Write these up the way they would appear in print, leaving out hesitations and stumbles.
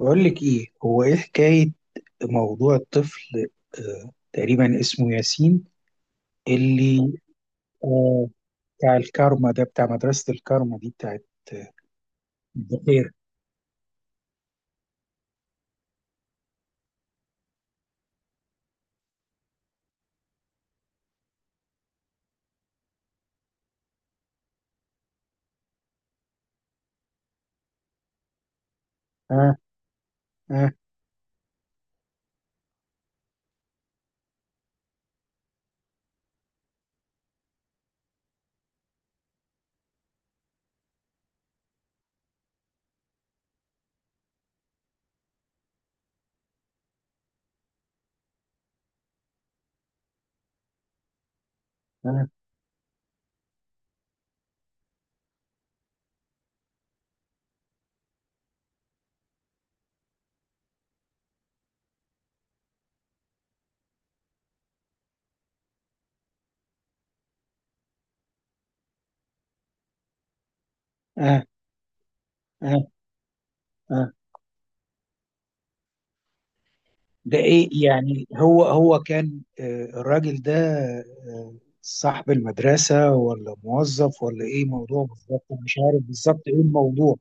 بقول لك ايه، هو ايه حكاية موضوع الطفل؟ تقريبا اسمه ياسين، اللي آه بتاع الكارما ده، بتاع مدرسة الكارما دي بتاعت آه، البحيرة. آه. آه. آه. آه. آه. آه. ده ايه يعني، هو كان الراجل ده آه صاحب المدرسة ولا موظف ولا ايه موضوع بالظبط؟ أنا مش عارف بالظبط ايه الموضوع.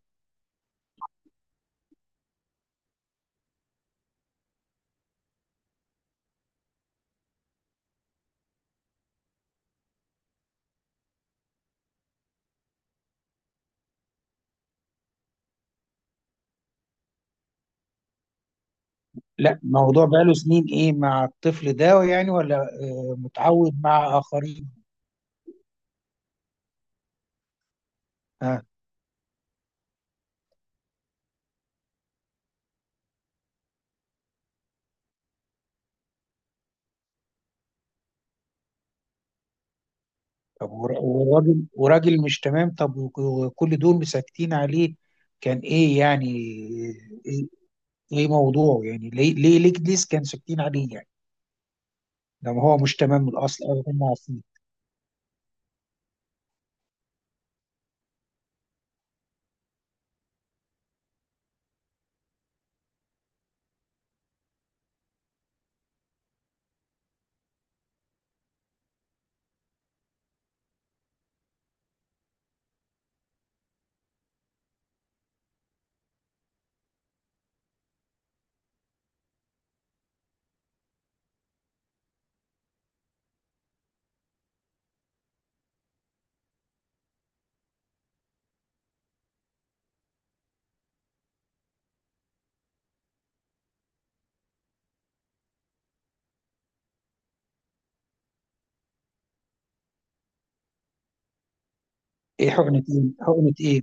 لا، موضوع بقاله سنين ايه مع الطفل ده يعني، ولا متعود مع آخرين؟ ها. طب وراجل مش تمام، طب وكل دول ساكتين عليه، كان ايه يعني؟ ايه إيه موضوعه يعني، ليه ليه ليه ليه كان ساكتين عليه يعني، لما هو مش تمام من الاصل او هم عارفين؟ ايه حقنة، ايه حقنة، ايه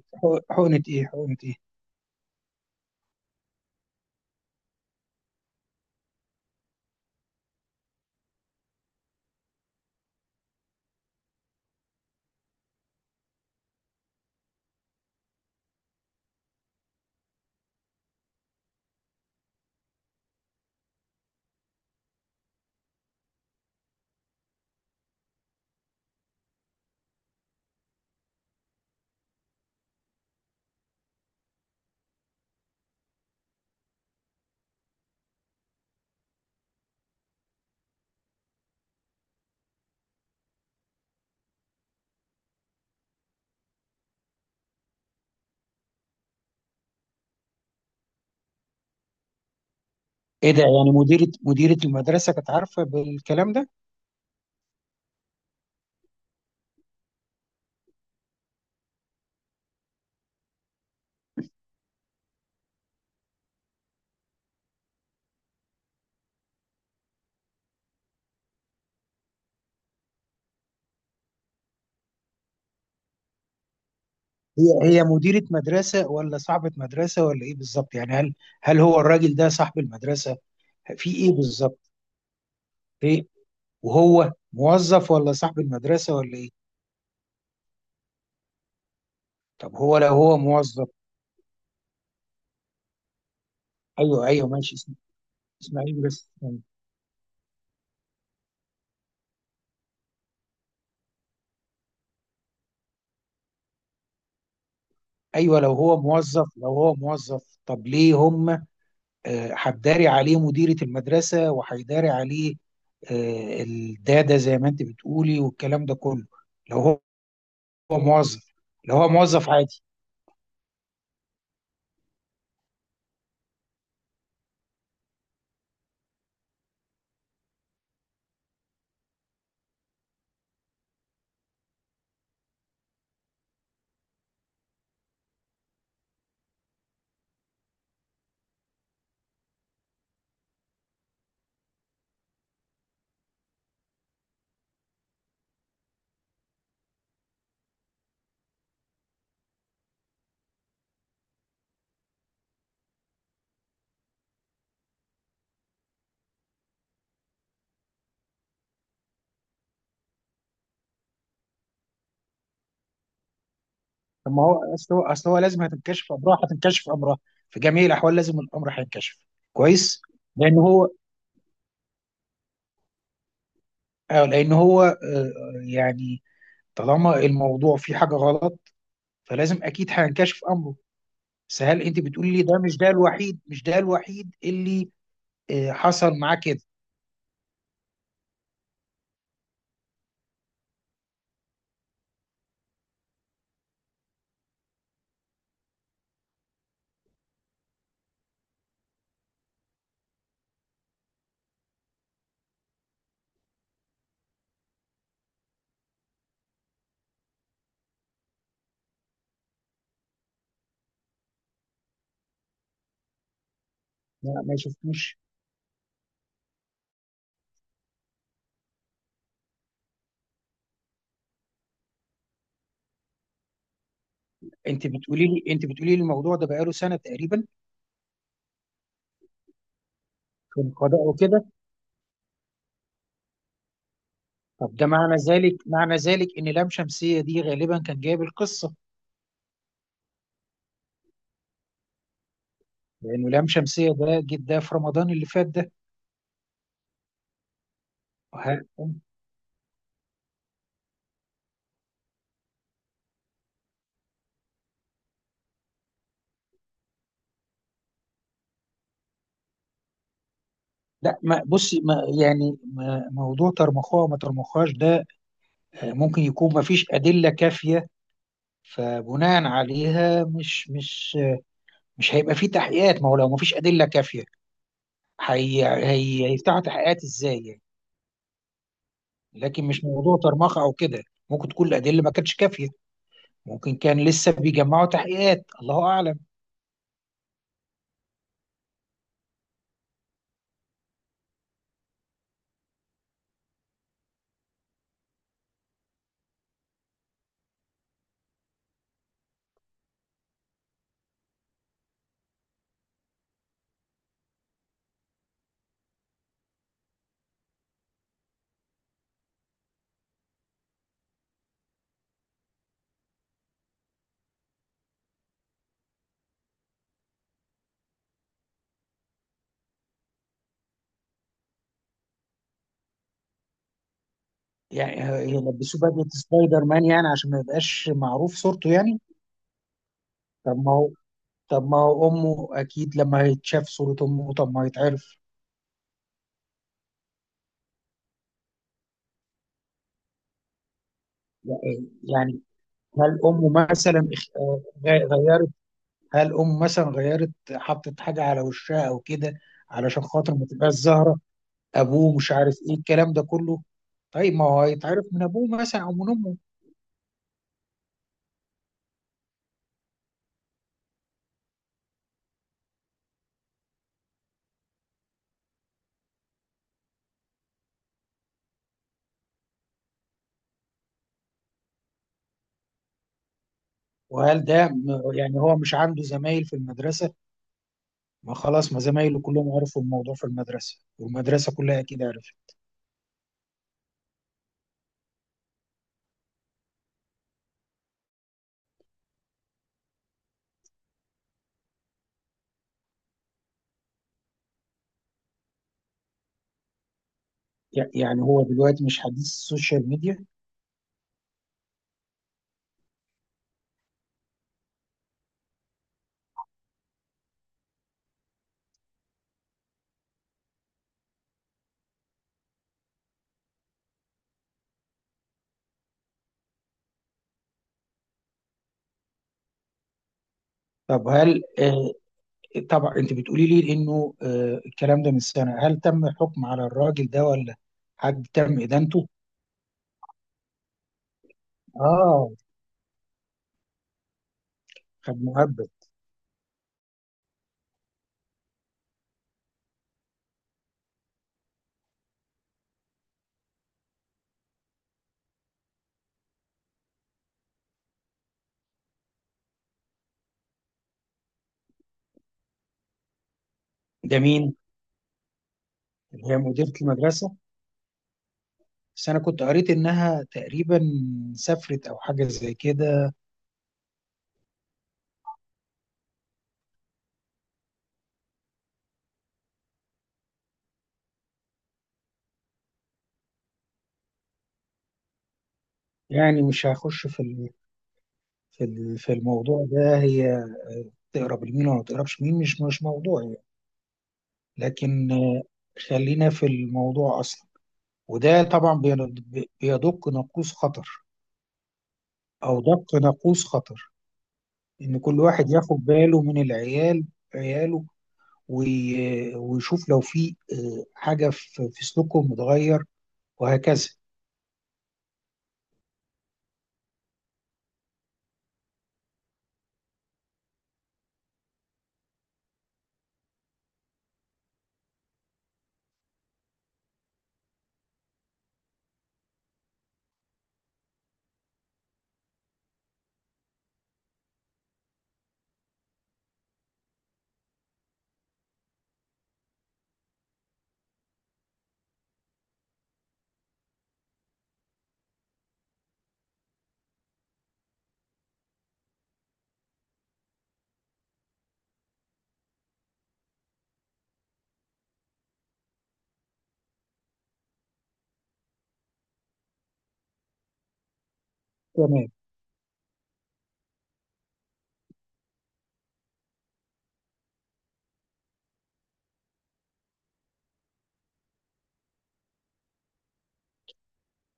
حقنة، ايه حقنة، ايه؟ ايه ده يعني، مديرة المدرسة كانت عارفة بالكلام ده؟ هي مديرة مدرسة ولا صاحبة مدرسة ولا ايه بالظبط يعني؟ هل هو الراجل ده صاحب المدرسة، في ايه بالظبط؟ إيه؟ وهو موظف ولا صاحب المدرسة ولا إيه؟ طب لو هو موظف. أيوه، أيوه، ماشي. اسماعيل بس يعني. أيوه، لو هو موظف، طب ليه هم هتداري عليه مديرة المدرسة، وهيداري عليه الدادة زي ما أنت بتقولي والكلام ده كله؟ لو هو موظف، لو هو موظف عادي. طب ما هو أصل هو لازم هتنكشف أمرها، هتنكشف أمرها في جميع الأحوال، لازم الأمر هينكشف، كويس؟ لأن هو لأن هو يعني طالما الموضوع فيه حاجة غلط، فلازم أكيد هينكشف أمره. بس هل أنت بتقولي لي ده مش ده الوحيد اللي حصل معاه كده؟ ما شفتوش. أنت بتقولي لي الموضوع ده بقاله سنة تقريبا في القضاء وكده. طب ده معنى ذلك، إن لام شمسية دي غالبا كان جايب القصة، لأنه لام شمسية ده جد، ده في رمضان اللي فات ده. ه- لا، ما بصي، ما يعني، ما موضوع ترمخوها ما ترمخهاش ده، ممكن يكون ما فيش أدلة كافية، فبناء عليها مش هيبقى فيه تحقيقات. ما هو لو ما فيش أدلة كافية هي هيفتحوا تحقيقات ازاي يعني؟ لكن مش موضوع طرمخة او كده، ممكن تكون الأدلة ما كانتش كافية، ممكن كان لسه بيجمعوا تحقيقات، الله أعلم. يعني يلبسوه بدلة سبايدر مان يعني عشان ما يبقاش معروف صورته يعني؟ طب ما هو طب ما هو أمه أكيد لما هيتشاف صورة أمه، طب ما هيتعرف. يعني هل أمه مثلا غيرت؟ هل أم مثلا غيرت، حطت حاجة على وشها أو كده علشان خاطر ما تبقاش زهرة، أبوه مش عارف إيه الكلام ده كله؟ طيب ما هو هيتعرف من أبوه مثلا أو من أمه. وهل ده يعني هو مش عنده زمايل في المدرسة؟ ما خلاص، ما زمايله كلهم عرفوا الموضوع في المدرسة، والمدرسة كلها أكيد عرفت. يعني هو دلوقتي مش حديث السوشيال ميديا. طب هل طبعا أنت بتقولي لي إنه الكلام ده من سنة، هل تم الحكم على الراجل ده ولا حد تم إدانته؟ آه. خد مهبب. ده مين، اللي هي مديرة المدرسة؟ بس أنا كنت قريت إنها تقريبا سافرت أو حاجة زي كده. يعني مش هخش في الموضوع ده، هي تقرب لمين ولا ما تقربش مين، مش موضوع يعني. لكن خلينا في الموضوع أصلا. وده طبعا بيدق ناقوس خطر، أو دق ناقوس خطر، إن كل واحد ياخد باله من العيال، عياله، ويشوف لو في حاجة في سلوكهم متغير، وهكذا. تمام،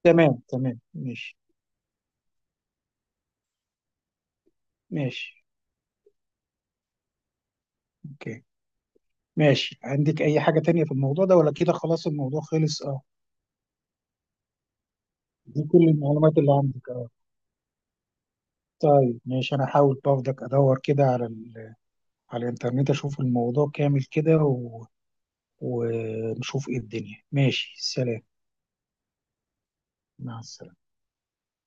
تمام، تمام، ماشي، ماشي، اوكي، ماشي. عندك اي حاجة تانية في الموضوع ده ولا كده؟ خلاص الموضوع خلص، اه؟ دي كل المعلومات اللي عندك، اه؟ طيب ماشي، انا هحاول برضك ادور كده على على الانترنت، اشوف الموضوع كامل كده ونشوف ايه الدنيا. ماشي، سلام. مع السلامة.